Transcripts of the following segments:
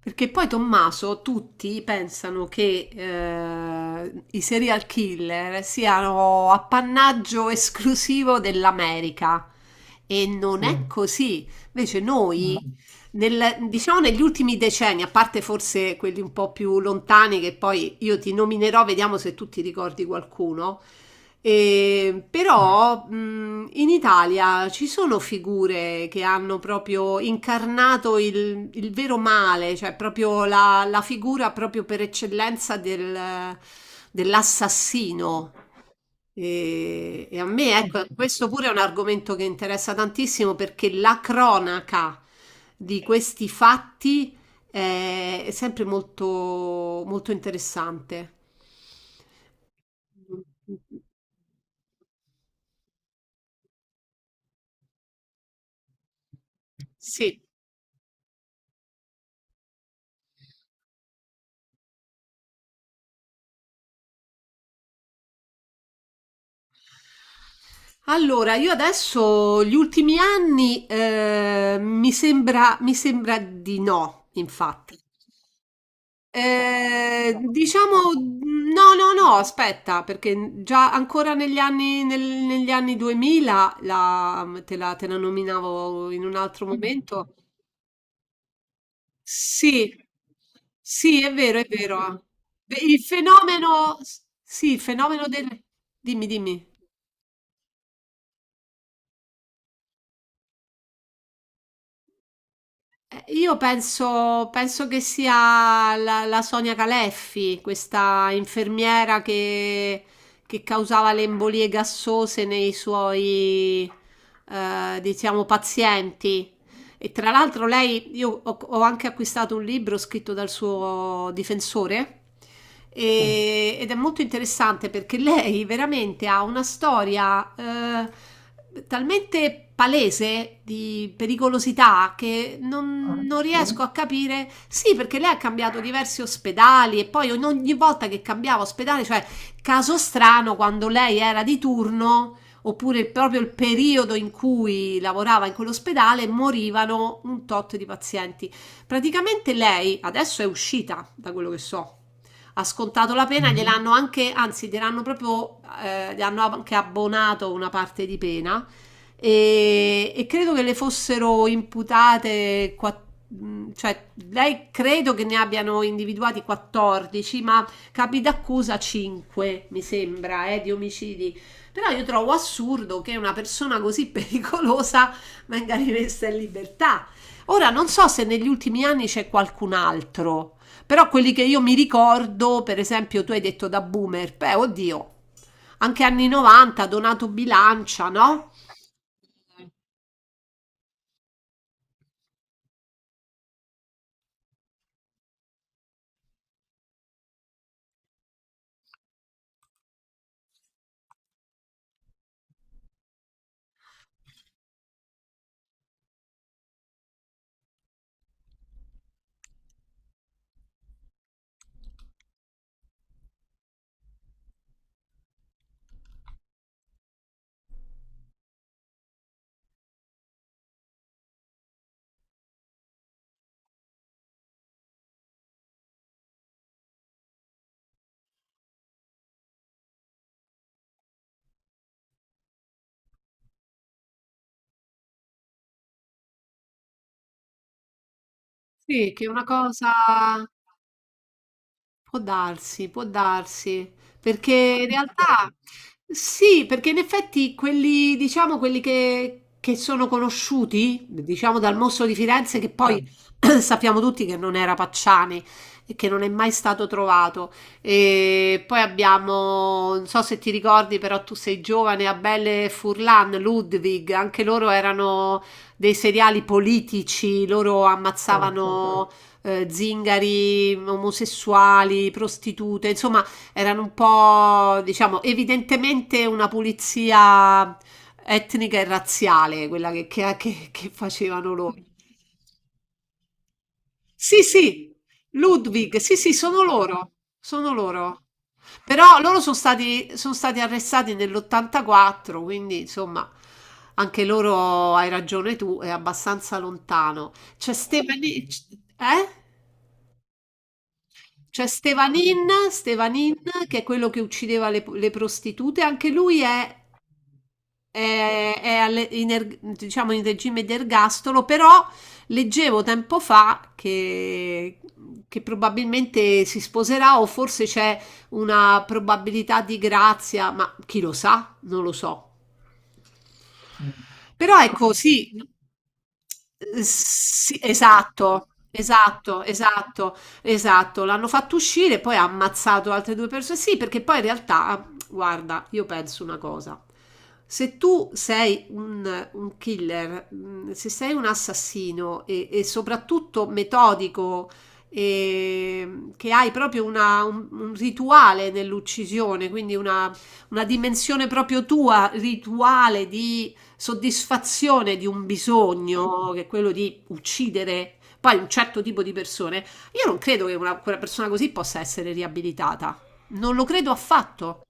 Perché poi Tommaso, tutti pensano che i serial killer siano appannaggio esclusivo dell'America. E non è così. Invece noi, no. Diciamo negli ultimi decenni, a parte forse quelli un po' più lontani, che poi io ti nominerò, vediamo se tu ti ricordi qualcuno, e- però in Italia ci sono figure che hanno proprio incarnato il vero male, cioè proprio la figura proprio per eccellenza dell'assassino. E a me, ecco, questo pure è un argomento che interessa tantissimo perché la cronaca di questi fatti è sempre molto, molto interessante. Sì. Allora, io adesso gli ultimi anni mi sembra di no, infatti. Diciamo no, no, no, aspetta, perché già ancora negli anni 2000 te la nominavo in un altro momento. Sì, sì, è vero, è vero. Beh, il fenomeno, sì, il fenomeno del... Dimmi, dimmi. Io penso, penso che sia la Sonia Caleffi, questa infermiera che causava le embolie gassose nei suoi, diciamo, pazienti. E tra l'altro lei, ho anche acquistato un libro scritto dal suo difensore ed è molto interessante perché lei veramente ha una storia talmente palese di pericolosità che non, non riesco a capire. Sì, perché lei ha cambiato diversi ospedali e poi ogni volta che cambiava ospedale, cioè caso strano quando lei era di turno oppure proprio il periodo in cui lavorava in quell'ospedale, morivano un tot di pazienti. Praticamente lei adesso è uscita, da quello che so, ha scontato la pena, gliel'hanno anche, anzi, gliel'hanno proprio, gli hanno anche abbonato una parte di pena e credo che le fossero imputate, cioè lei credo che ne abbiano individuati 14, ma capi d'accusa 5, mi sembra, di omicidi, però io trovo assurdo che una persona così pericolosa venga rimessa in libertà. Ora non so se negli ultimi anni c'è qualcun altro, però quelli che io mi ricordo, per esempio, tu hai detto da boomer, beh, oddio, anche anni 90, Donato Bilancia, no? Sì, che è una cosa. Può darsi, perché in realtà sì, perché in effetti quelli, diciamo, quelli che sono conosciuti, diciamo dal mostro di Firenze, che poi sappiamo tutti che non era Pacciani e che non è mai stato trovato. E poi abbiamo, non so se ti ricordi, però tu sei giovane, Abele Furlan, Ludwig, anche loro erano dei seriali politici, loro ammazzavano zingari, omosessuali, prostitute, insomma, erano un po', diciamo, evidentemente una pulizia etnica e razziale, quella che facevano loro. Sì, sì, Ludwig, sì, sì, sono loro, sono loro. Però sono stati arrestati nell'84, quindi insomma, anche loro, hai ragione tu, è abbastanza lontano. C'è Stephanie, eh? C'è Stevanin, che è quello che uccideva le prostitute, anche lui è alle- in erg- diciamo in regime di ergastolo, però leggevo tempo fa che probabilmente si sposerà o forse c'è una probabilità di grazia, ma chi lo sa? Non lo so. Però ecco, sì, sì, esatto. L'hanno fatto uscire, poi ha ammazzato altre due persone. Sì, perché poi in realtà, guarda, io penso una cosa. Se tu sei un killer, se sei un assassino e soprattutto metodico, che hai proprio un rituale nell'uccisione, quindi una dimensione proprio tua, rituale di soddisfazione di un bisogno, che è quello di uccidere poi un certo tipo di persone, io non credo che quella persona così possa essere riabilitata. Non lo credo affatto.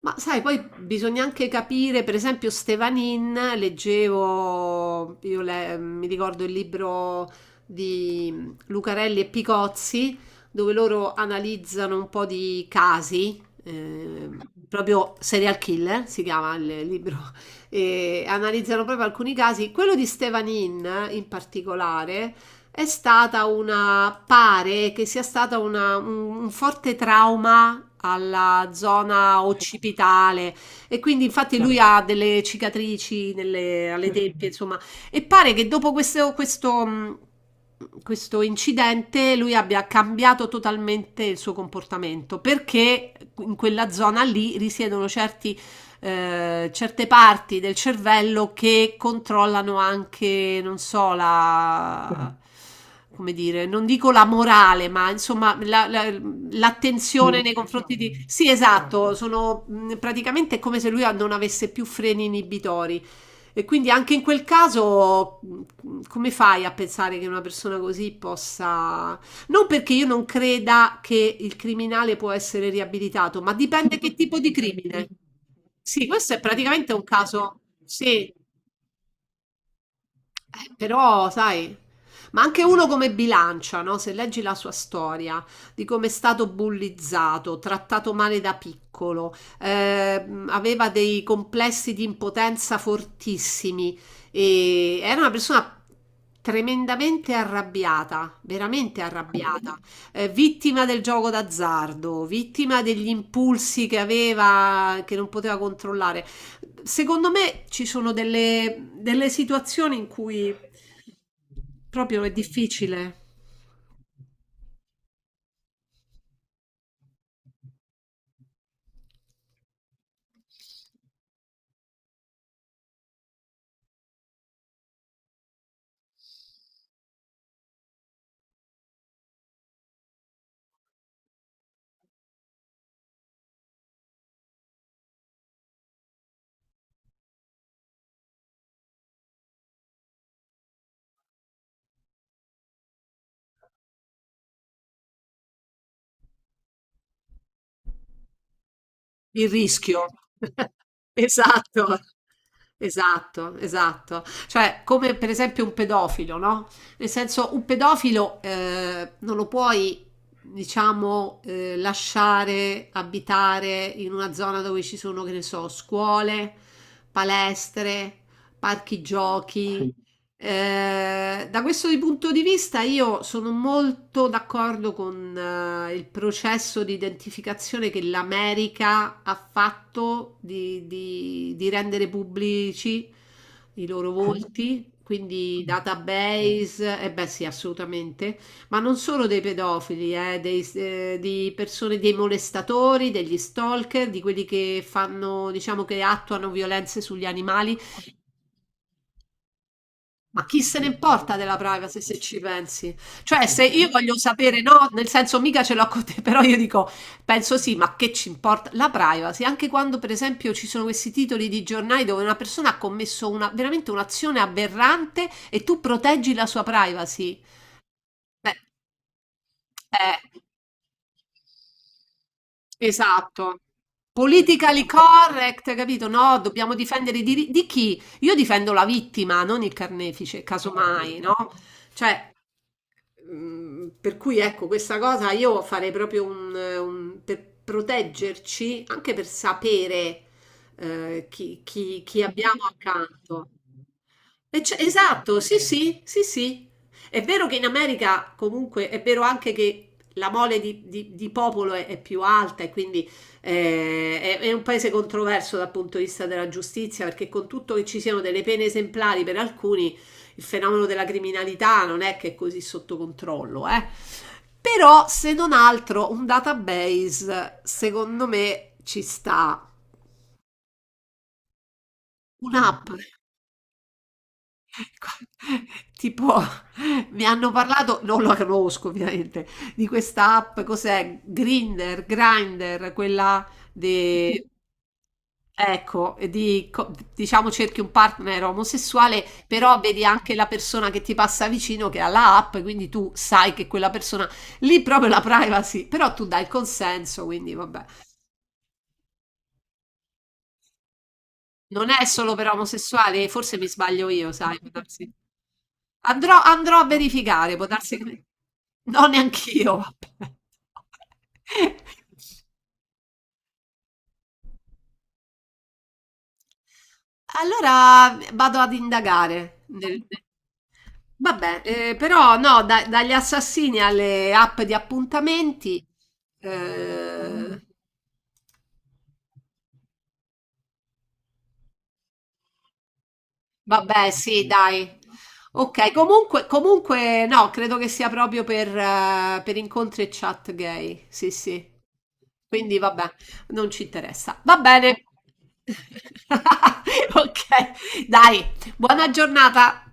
Ma sai, poi bisogna anche capire, per esempio, Stevanin, leggevo, mi ricordo il libro di Lucarelli e Picozzi, dove loro analizzano un po' di casi, proprio Serial Killer si chiama il libro, e analizzano proprio alcuni casi. Quello di Stevanin, in particolare, è stata pare che sia stata un forte trauma alla zona occipitale e quindi infatti lui ha delle cicatrici alle tempie, insomma, e pare che dopo questo incidente lui abbia cambiato totalmente il suo comportamento perché in quella zona lì risiedono certi certe parti del cervello che controllano anche, non so, la... come dire, non dico la morale, ma insomma l'attenzione nei confronti di... Sì, esatto, sono praticamente è come se lui non avesse più freni inibitori. E quindi anche in quel caso, come fai a pensare che una persona così possa... Non perché io non creda che il criminale può essere riabilitato, ma dipende che tipo di crimine. Sì, questo è praticamente un caso, sì, però sai, ma anche uno come Bilancia, no? Se leggi la sua storia di come è stato bullizzato, trattato male da piccolo, aveva dei complessi di impotenza fortissimi e era una persona tremendamente arrabbiata, veramente arrabbiata, vittima del gioco d'azzardo, vittima degli impulsi che aveva, che non poteva controllare. Secondo me ci sono delle situazioni in cui proprio è difficile. Il rischio. Esatto. Esatto, esatto. Cioè, come per esempio un pedofilo, no? Nel senso, un pedofilo non lo puoi, diciamo, lasciare abitare in una zona dove ci sono, che ne so, scuole, palestre, parchi giochi, da questo di punto di vista io sono molto d'accordo con il processo di identificazione che l'America ha fatto di rendere pubblici i loro volti, quindi database, e beh sì, assolutamente, ma non solo dei pedofili, di persone, dei molestatori, degli stalker, di quelli che fanno, diciamo che attuano violenze sugli animali. Ma chi se ne importa della privacy se ci pensi? Cioè, se io voglio sapere, no, nel senso mica ce l'ho con te, però io dico, penso sì, ma che ci importa la privacy? Anche quando, per esempio, ci sono questi titoli di giornali dove una persona ha commesso veramente un'azione aberrante e tu proteggi la sua privacy. Beh, eh, Esatto. Politically correct, capito? No, dobbiamo difendere i diritti di chi? Io difendo la vittima, non il carnefice, casomai, no? Cioè, per cui ecco, questa cosa io farei proprio per proteggerci, anche per sapere chi abbiamo accanto. E esatto, sì, sì, sì, sì. È vero che in America comunque è vero anche che la mole di popolo è più alta e quindi è un paese controverso dal punto di vista della giustizia perché con tutto che ci siano delle pene esemplari per alcuni, il fenomeno della criminalità non è che è così sotto controllo, eh. Però se non altro un database secondo me ci sta. Un'app. Qua tipo mi hanno parlato, non la conosco ovviamente, di questa app, cos'è? Grindr, Grindr, quella de... Ecco, e di, diciamo cerchi un partner omosessuale, però vedi anche la persona che ti passa vicino che ha la app, quindi tu sai che quella persona lì proprio la privacy, però tu dai il consenso, quindi vabbè. Non è solo per omosessuali, forse mi sbaglio io, sai, può darsi. Andrò a verificare, può darsi che me no, neanch'io, vabbè. Allora vado ad indagare nel ne vabbè, però no, da dagli assassini alle app di appuntamenti, ehm, vabbè sì dai. Ok, comunque, comunque no, credo che sia proprio per incontri e chat gay. Sì, sì. Quindi vabbè, non ci interessa. Va bene. Ok, dai, buona giornata.